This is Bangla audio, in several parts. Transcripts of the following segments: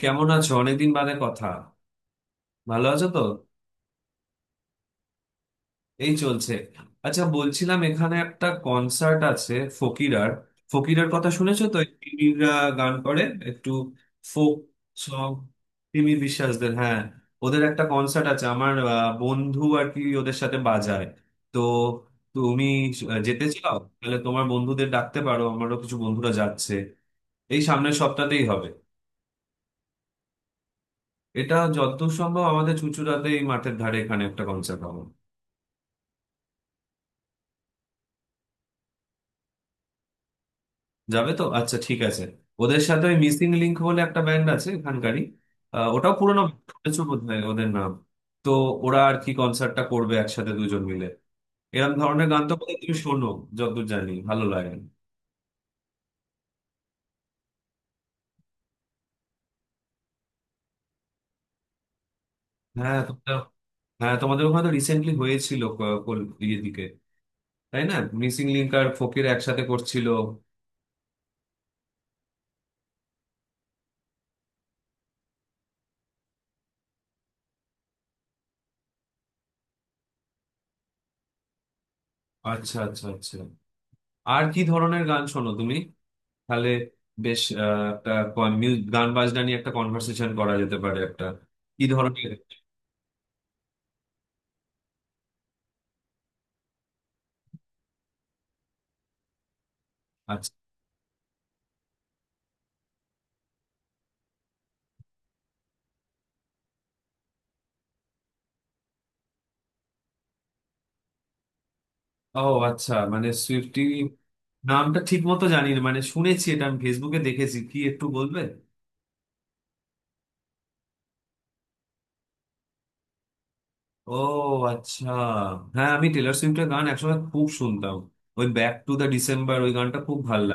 কেমন আছো? অনেকদিন বাদে কথা। ভালো আছো তো? এই চলছে। আচ্ছা, বলছিলাম এখানে একটা কনসার্ট আছে ফকিরার। ফকিরার কথা শুনেছো তো, এই তিমিররা গান করে, একটু ফোক সং, তিমির বিশ্বাসদের, হ্যাঁ। ওদের একটা কনসার্ট আছে, আমার বন্ধু আর কি ওদের সাথে বাজায়। তো তুমি যেতে চাও তাহলে তোমার বন্ধুদের ডাকতে পারো, আমারও কিছু বন্ধুরা যাচ্ছে। এই সামনের সপ্তাহতেই হবে। এটা যত সম্ভব আমাদের চুঁচুড়াতে, এই মাঠের ধারে এখানে একটা কনসার্ট হবে। যাবে তো? আচ্ছা, ঠিক আছে। ওদের সাথে ওই মিসিং লিংক বলে একটা ব্যান্ড আছে এখানকারই, ওটাও পুরোনো। শুনেছো বোধহয় ওদের নাম। তো ওরা আর কি কনসার্টটা করবে একসাথে দুজন মিলে। এরকম ধরনের গান তো বোধহয় তুমি শোনো, যতদূর জানি, ভালো লাগে। হ্যাঁ, তোমাদের। হ্যাঁ, তোমাদের ওখানে তো রিসেন্টলি হয়েছিল, ইয়ে দিকে, তাই না? মিসিং লিংক আর ফকির একসাথে করছিল। আচ্ছা, আচ্ছা, আচ্ছা। আর কি ধরনের গান শোনো তুমি তাহলে? বেশ, একটা গান বাজনা নিয়ে একটা কনভার্সেশন করা যেতে পারে একটা। কি ধরনের? আচ্ছা। ও, আচ্ছা, মানে সুইফটি নামটা ঠিক মতো জানি না, মানে শুনেছি, এটা আমি ফেসবুকে দেখেছি, কি একটু বলবে? ও, আচ্ছা। হ্যাঁ, আমি টেলর সুইফটের গান একসময় খুব শুনতাম। ওই ব্যাক টু দ্য ডিসেম্বর ওই গানটা খুব ভালো।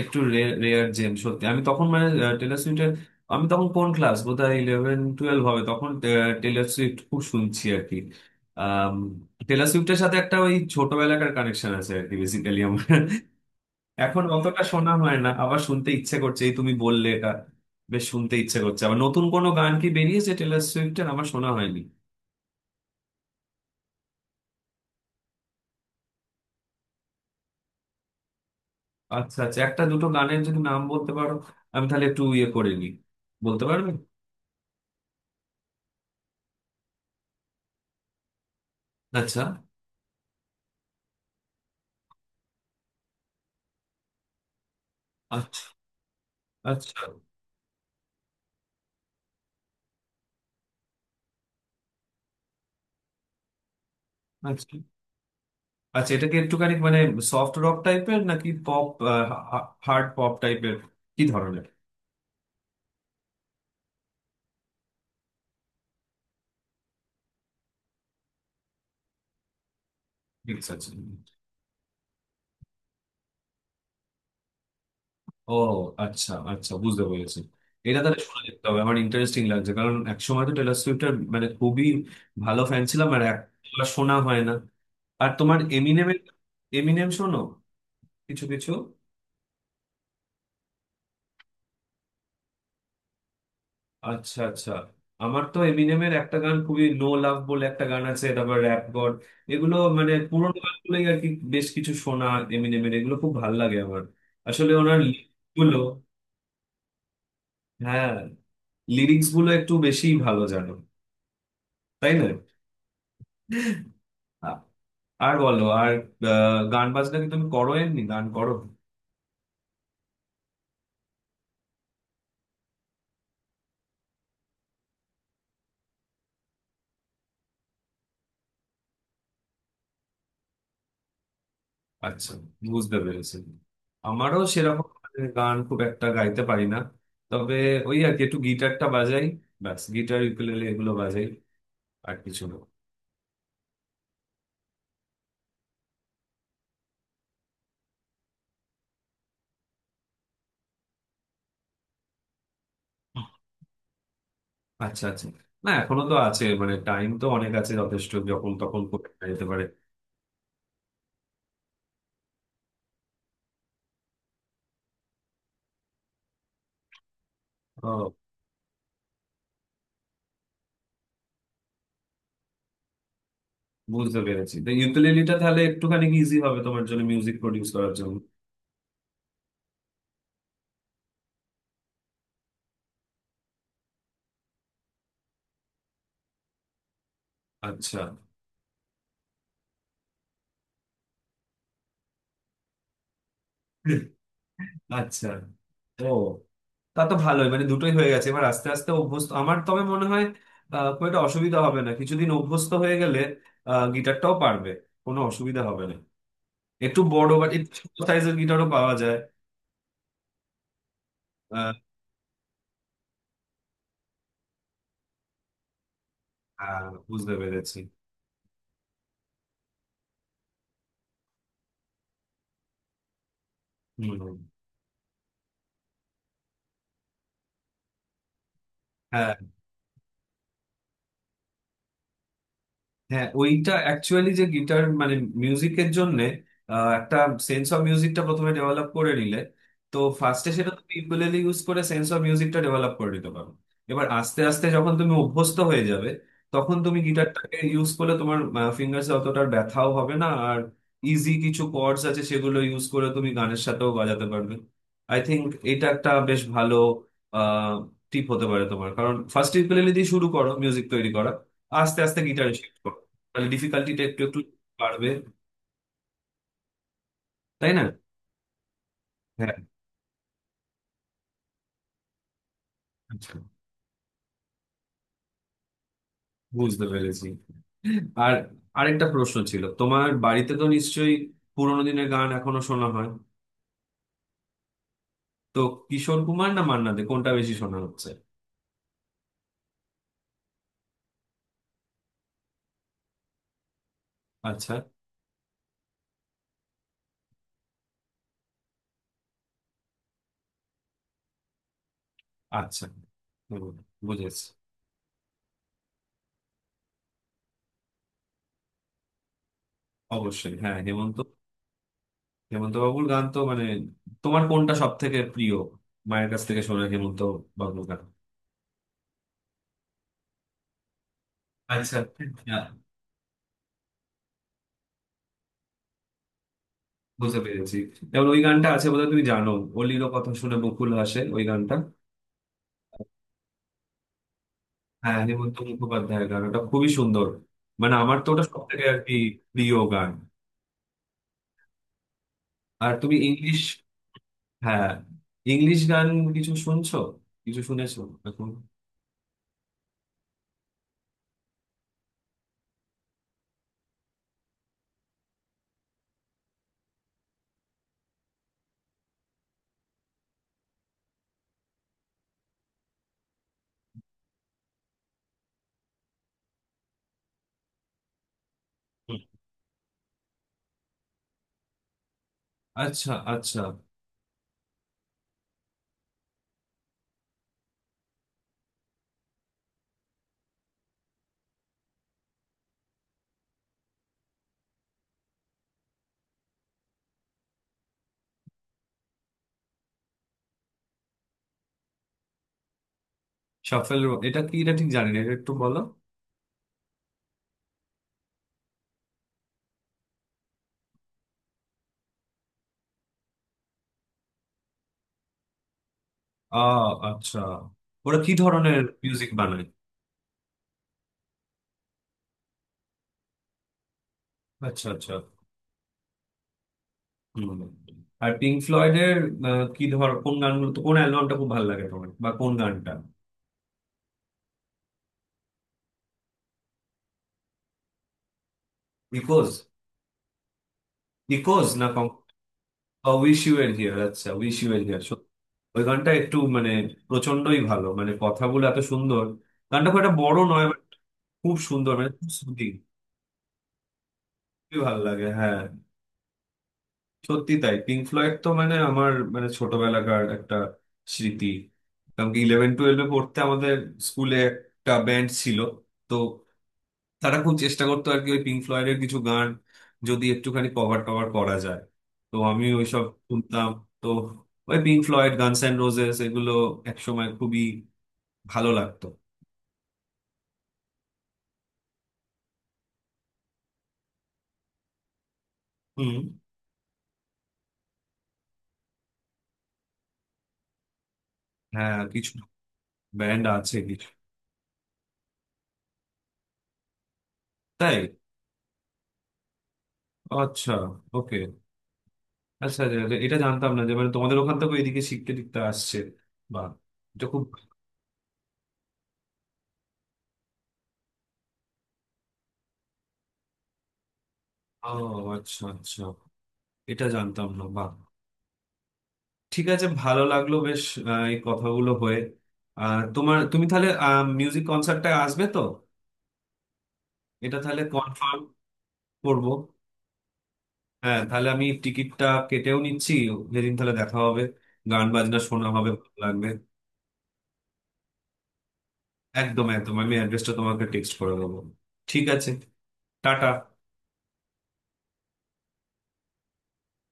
একটু রেয়ার জেম, সত্যি। আমি তখন, মানে, টেলর সুইফটের, আমি তখন কোন ক্লাস, বোধহয় ইলেভেন টুয়েলভ হবে, তখন টেলর সুইফট খুব শুনছি আর কি। আম, টেলর সুইফটের সাথে একটা ওই ছোটবেলাকার কানেকশন আছে আর কি, বেসিক্যালি আমার। এখন অতটা শোনা হয় না, আবার শুনতে ইচ্ছে করছে এই তুমি বললে এটা। বেশ শুনতে ইচ্ছে করছে আবার। নতুন কোনো গান কি বেরিয়েছে টেলর সুইফটের? আমার শোনা হয়নি। আচ্ছা, আচ্ছা, একটা দুটো গানের যদি নাম বলতে পারো, আমি তাহলে একটু ইয়ে করে নিই। বলতে পারবে? আচ্ছা। আচ্ছা। আচ্ছা, আচ্ছা। আচ্ছা, এটা কি একটুখানি মানে সফট রক টাইপের নাকি পপ হার্ড পপ টাইপের, কি ধরনের? মিক্স আছে। ও, আচ্ছা, আচ্ছা, বুঝতে পেরেছি। এটা তাহলে শুনে দেখতে হবে, আমার ইন্টারেস্টিং লাগছে, কারণ একসময় তো টেলর সুইফটের মানে খুবই ভালো ফ্যান ছিলাম। আর এক শোনা হয় না। আর তোমার এমিনেমের, এমিনেম শোনো কিছু কিছু? আচ্ছা, আচ্ছা। আমার তো এমিনেমের একটা গান, খুবই নো লাভ বলে একটা গান আছে, তারপর র্যাপ গড, এগুলো, মানে পুরোনো গানগুলোই আর কি বেশ কিছু শোনা। এমিনেমের এগুলো খুব ভাল লাগে আমার। আসলে ওনার lyrics গুলো, হ্যাঁ, লিরিক্স গুলো একটু বেশি ভালো, জানো, তাই না? আ- আর বলো আর গান বাজনা কি তুমি করো? এমনি গান করো? আচ্ছা, বুঝতে পেরেছি। আমারও সেরকম, মানে গান খুব একটা গাইতে পারি না। তবে ওই আর কি একটু গিটারটা বাজাই। ব্যাস, গিটার, ইউকুলেলে, এগুলো বাজাই। আর কিছু না। আচ্ছা, আচ্ছা। না, এখনো তো আছে, মানে টাইম তো অনেক আছে, যথেষ্ট। যখন তখন করতে যেতে পারে। ও, বুঝতে পেরেছি। তো ইউকুলেলিটা তাহলে একটুখানি ইজি হবে তোমার জন্য, মিউজিক প্রডিউস করার জন্য। আচ্ছা, আচ্ছা। ও, তা তো ভালোই, মানে দুটোই হয়ে গেছে। এবার আস্তে আস্তে অভ্যস্ত, আমার তবে মনে হয় খুব একটা অসুবিধা হবে না, কিছুদিন অভ্যস্ত হয়ে গেলে গিটারটাও পারবে, কোনো অসুবিধা হবে না। একটু বড় বা একটু সাইজের গিটারও পাওয়া যায়। আহ, হ্যাঁ, বুঝতে পেরেছি। হম। হ্যাঁ, হ্যাঁ, ওইটা অ্যাকচুয়ালি যে গিটার মানে মিউজিকের জন্য একটা সেন্স অফ মিউজিকটা প্রথমে ডেভেলপ করে নিলে, তো ফার্স্টে সেটা তুমি ইকুয়েলি ইউজ করে সেন্স অফ মিউজিকটা ডেভেলপ করে নিতে পারো। এবার আস্তে আস্তে যখন তুমি অভ্যস্ত হয়ে যাবে, তখন তুমি গিটারটাকে ইউজ করলে তোমার ফিঙ্গার্সে অতটা আর ব্যথাও হবে না। আর ইজি কিছু কর্ডস আছে, সেগুলো ইউজ করে তুমি গানের সাথেও বাজাতে পারবে, আই থিংক। এটা একটা বেশ ভালো টিপ হতে পারে তোমার, কারণ ফার্স্ট ইকুয়েলি দিয়ে শুরু করো মিউজিক তৈরি করা, আস্তে আস্তে গিটারে শিখো। তাহলে ডিফিকাল্টিটা একটু একটু বাড়বে, তাই না? হ্যাঁ। আচ্ছা, বুঝতে পেরেছি। আর আরেকটা প্রশ্ন ছিল, তোমার বাড়িতে তো নিশ্চয়ই পুরোনো দিনের গান এখনো শোনা হয়, তো কিশোর কুমার না মান্না দে, কোনটা বেশি শোনা হচ্ছে? আচ্ছা, আচ্ছা। হুম, বুঝেছি। অবশ্যই, হ্যাঁ, হেমন্ত। হেমন্ত বাবুর গান তো মানে, তোমার কোনটা সব থেকে প্রিয়, মায়ের কাছ থেকে শোনা হেমন্ত বাবুর গান? আচ্ছা। হ্যাঁ, বুঝতে পেরেছি। যেমন ওই গানটা আছে, বোধহয় তুমি জানো, অলির কথা শুনে বকুল হাসে, ওই গানটা। হ্যাঁ, হেমন্ত মুখোপাধ্যায়ের গান, ওটা খুবই সুন্দর, মানে আমার তো ওটা সব থেকে আর কি প্রিয় গান। আর তুমি ইংলিশ, হ্যাঁ, ইংলিশ গান কিছু শুনছো? কিছু শুনেছো এখন? আচ্ছা, আচ্ছা। শাফেল, এটা কি, এটা ঠিক জানি না, এটা একটু বলো। আহ, আচ্ছা। ওরা কি ধরনের মিউজিক বানায়? আচ্ছা, আচ্ছা। হম। আর পিঙ্ক ফ্লয়েডের কি ধর কোন গানগুলো তো, কোন অ্যালবামটা খুব ভালো লাগে তোমার, বা কোন গানটা? ইকোজ? ইকোজ না? I wish you were here. আচ্ছা, উইশ ইউ এর হিয়ার। ওই গানটা একটু মানে প্রচন্ডই ভালো, মানে কথাগুলো এত সুন্দর। গানটা খুব একটা বড় নয় but খুব সুন্দর, মানে খুব সুদিং। খুবই ভালো লাগে, হ্যাঁ। সত্যি তাই। পিঙ্ক ফ্লয়েড তো মানে আমার মানে ছোটবেলাকার একটা স্মৃতি, কারণ কি ইলেভেন টুয়েলভে পড়তে আমাদের স্কুলে একটা ব্যান্ড ছিল। তো তারা খুব চেষ্টা করতো আর কি ওই পিঙ্ক ফ্লয়েডের কিছু গান যদি একটুখানি কভার টভার করা যায়, তো আমি ওইসব শুনতাম। তো ওই Pink Floyd, Guns and Roses, এগুলো একসময় খুবই ভালো লাগতো। হুম। হ্যাঁ, কিছু ব্যান্ড আছে, কিছু। তাই? আচ্ছা, ওকে। আচ্ছা, আচ্ছা, আচ্ছা, এটা জানতাম না যে মানে তোমাদের ওখান থেকে এদিকে শিখতে টিখতে আসছে, বা এটা খুব। ও, আচ্ছা, আচ্ছা, এটা জানতাম না, বাহ। ঠিক আছে, ভালো লাগলো বেশ। এই কথাগুলো হয়ে, আর তোমার, তুমি তাহলে মিউজিক কনসার্টটায় আসবে তো? এটা তাহলে কনফার্ম করবো। হ্যাঁ, তাহলে আমি টিকিটটা কেটেও নিচ্ছি। যেদিন তাহলে দেখা হবে, গান বাজনা শোনা হবে, ভালো লাগবে। একদম, একদম আমি অ্যাড্রেসটা তোমাকে টেক্সট করে দেবো। ঠিক আছে, টাটা।